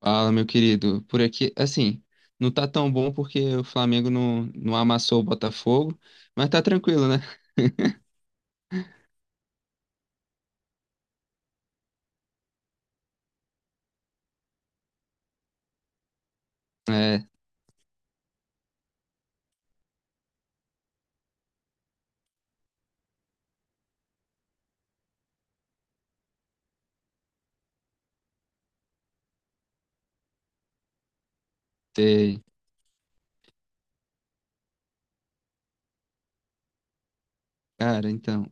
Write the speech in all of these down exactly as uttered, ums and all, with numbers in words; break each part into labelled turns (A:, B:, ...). A: Fala, meu querido. Por aqui, assim, não tá tão bom porque o Flamengo não, não amassou o Botafogo, mas tá tranquilo, né? É, sei. Cara, então,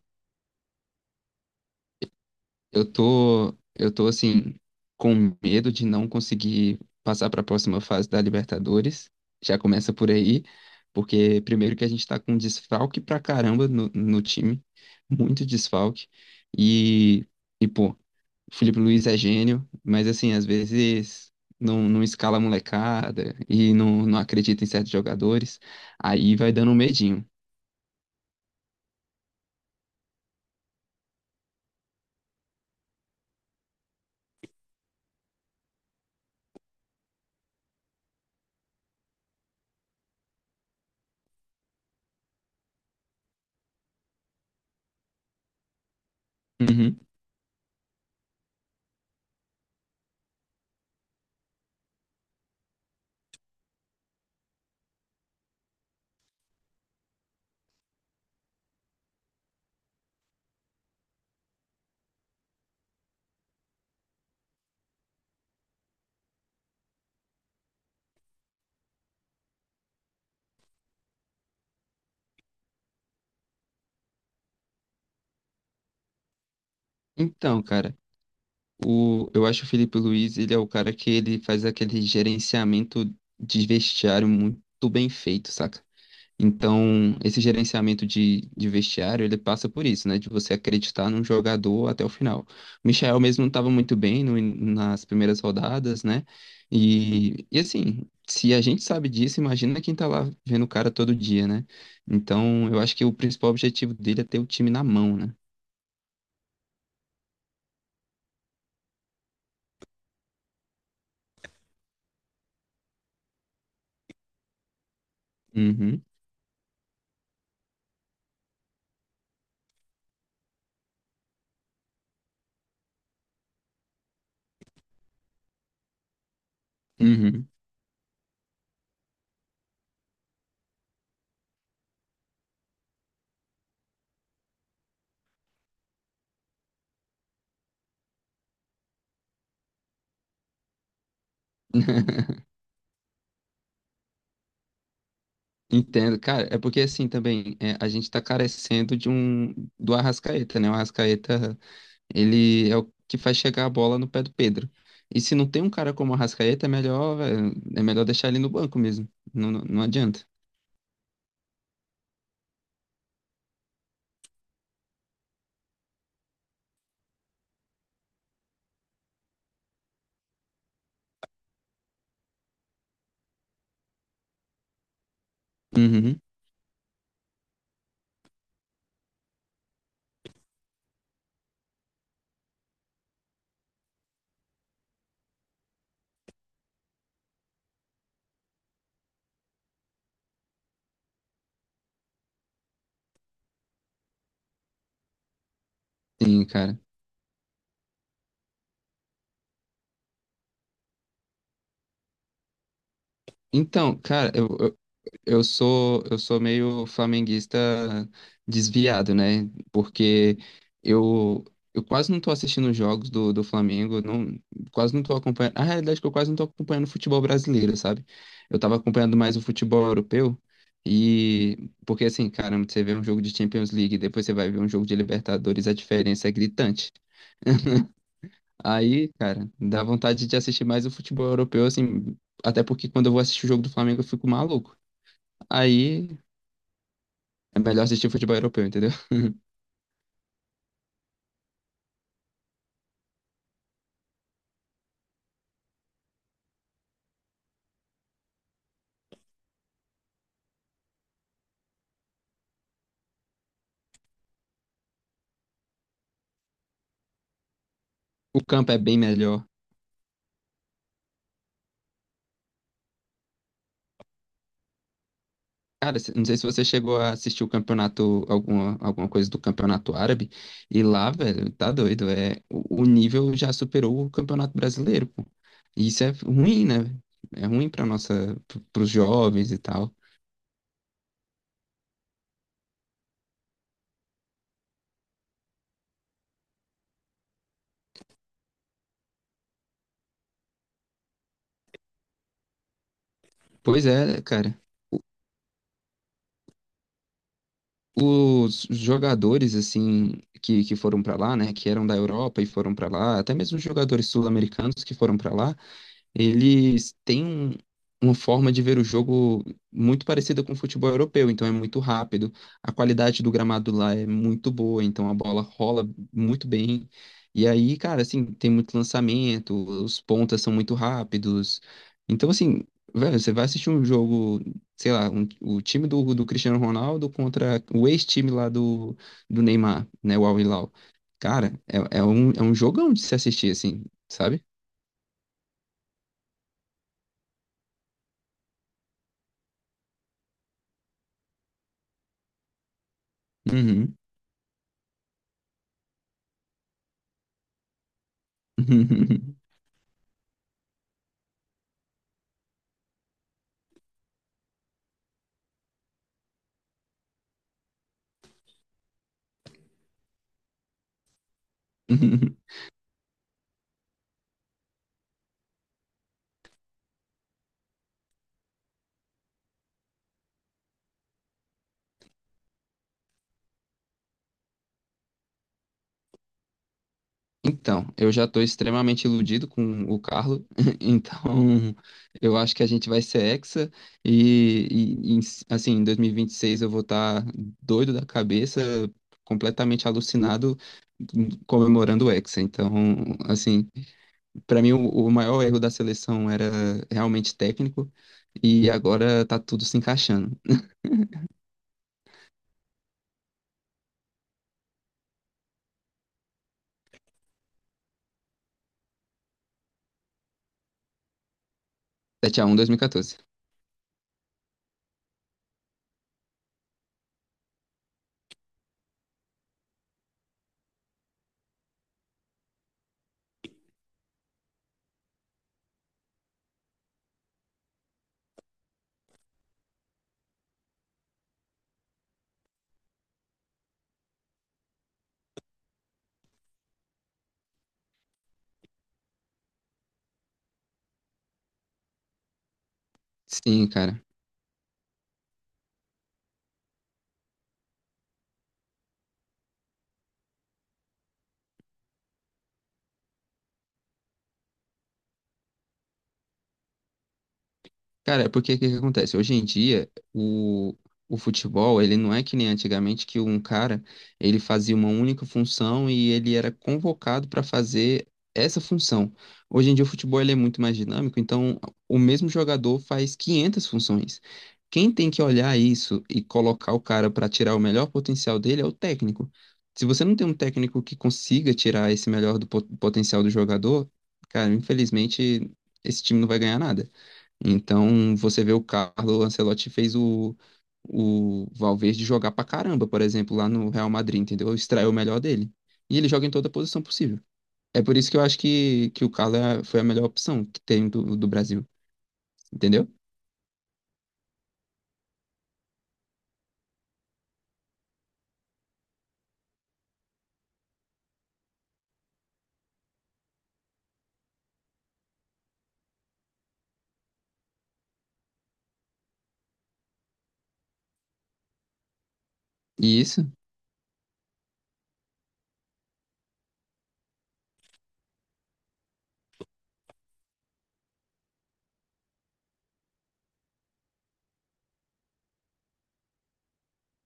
A: eu tô, eu tô assim, com medo de não conseguir passar para a próxima fase da Libertadores. Já começa por aí, porque primeiro que a gente tá com desfalque pra caramba no, no time, muito desfalque. E, e pô, Felipe Luiz é gênio, mas assim, às vezes não, não escala a molecada e não, não acredita em certos jogadores, aí vai dando um medinho. Uhum. Então, cara, o, eu acho o Felipe Luiz, ele é o cara que ele faz aquele gerenciamento de vestiário muito bem feito, saca? Então, esse gerenciamento de, de vestiário, ele passa por isso, né? De você acreditar num jogador até o final. O Michael mesmo não estava muito bem no in- nas primeiras rodadas, né? E, e assim, se a gente sabe disso, imagina quem tá lá vendo o cara todo dia, né? Então, eu acho que o principal objetivo dele é ter o time na mão, né? Uhum, uhum. Entendo, cara, é porque assim também é, a gente tá carecendo de um do Arrascaeta, né? O Arrascaeta ele é o que faz chegar a bola no pé do Pedro. E se não tem um cara como o Arrascaeta, é melhor, velho, é melhor deixar ele no banco mesmo. Não, não, não adianta. Uhum, sim, cara. Então, cara, eu, eu sou eu sou meio flamenguista desviado, né? Porque eu eu quase não tô assistindo os jogos do, do Flamengo, não, quase não tô acompanhando. A realidade é que eu quase não tô acompanhando o futebol brasileiro, sabe? Eu tava acompanhando mais o futebol europeu e porque assim, caramba, você vê um jogo de Champions League, depois você vai ver um jogo de Libertadores, a diferença é gritante. Aí, cara, dá vontade de assistir mais o futebol europeu, assim, até porque quando eu vou assistir o jogo do Flamengo eu fico maluco. Aí é melhor assistir futebol europeu, entendeu? O campo é bem melhor. Cara, não sei se você chegou a assistir o campeonato, alguma, alguma coisa do campeonato árabe, e lá, velho, tá doido, é, o, o nível já superou o campeonato brasileiro, pô. E isso é ruim, né? É ruim para nossa, para os jovens e tal. Pois é, cara. Os jogadores, assim, que, que foram para lá, né, que eram da Europa e foram para lá, até mesmo os jogadores sul-americanos que foram para lá, eles têm um- uma forma de ver o jogo muito parecida com o futebol europeu, então é muito rápido. A qualidade do gramado lá é muito boa, então a bola rola muito bem. E aí, cara, assim, tem muito lançamento, os pontas são muito rápidos. Então, assim, velho, você vai assistir um jogo, sei lá, um- o time do, do Cristiano Ronaldo contra o ex-time lá do, do Neymar, né, o Al Hilal. Cara, é, é um, é um jogão de se assistir, assim, sabe? Uhum. Então, eu já estou extremamente iludido com o Carlo, então eu acho que a gente vai ser hexa e, e- e, assim, em dois mil e vinte e seis eu vou estar doido da cabeça, completamente alucinado, comemorando o hexa. Então, assim, para mim o, o maior erro da seleção era realmente técnico e agora tá tudo se encaixando. sete a um dois mil e quatorze. Sim, cara. Cara, é porque o que que acontece? Hoje em dia, o, o futebol, ele não é que nem antigamente que um cara, ele fazia uma única função e ele era convocado para fazer essa função. Hoje em dia o futebol ele é muito mais dinâmico, então o mesmo jogador faz quinhentas funções. Quem tem que olhar isso e colocar o cara para tirar o melhor potencial dele é o técnico. Se você não tem um técnico que consiga tirar esse melhor do po- potencial do jogador, cara, infelizmente esse time não vai ganhar nada. Então, você vê o Carlo Ancelotti fez o, o Valverde jogar pra caramba, por exemplo, lá no Real Madrid, entendeu? Extraiu o melhor dele. E ele joga em toda posição possível. É por isso que eu acho que, que o Carlo é- foi a melhor opção que tem do, do Brasil, entendeu? E isso,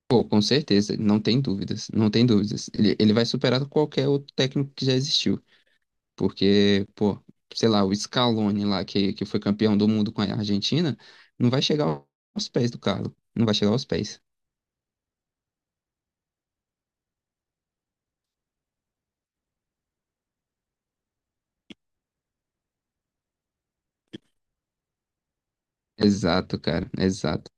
A: pô, com certeza, não tem dúvidas, não tem dúvidas. Ele, ele vai superar qualquer outro técnico que já existiu, porque, pô, sei lá, o Scaloni lá, que, que foi campeão do mundo com a Argentina, não vai chegar aos pés do Carlo, não vai chegar aos pés. Exato, cara. Exato.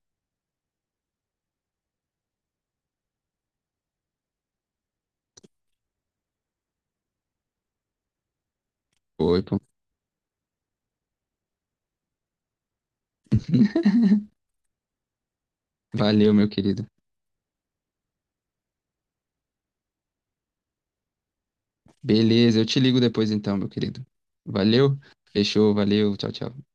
A: Foi, pô. Valeu, meu querido. Beleza, eu te ligo depois então, meu querido. Valeu. Fechou, valeu. Tchau, tchau.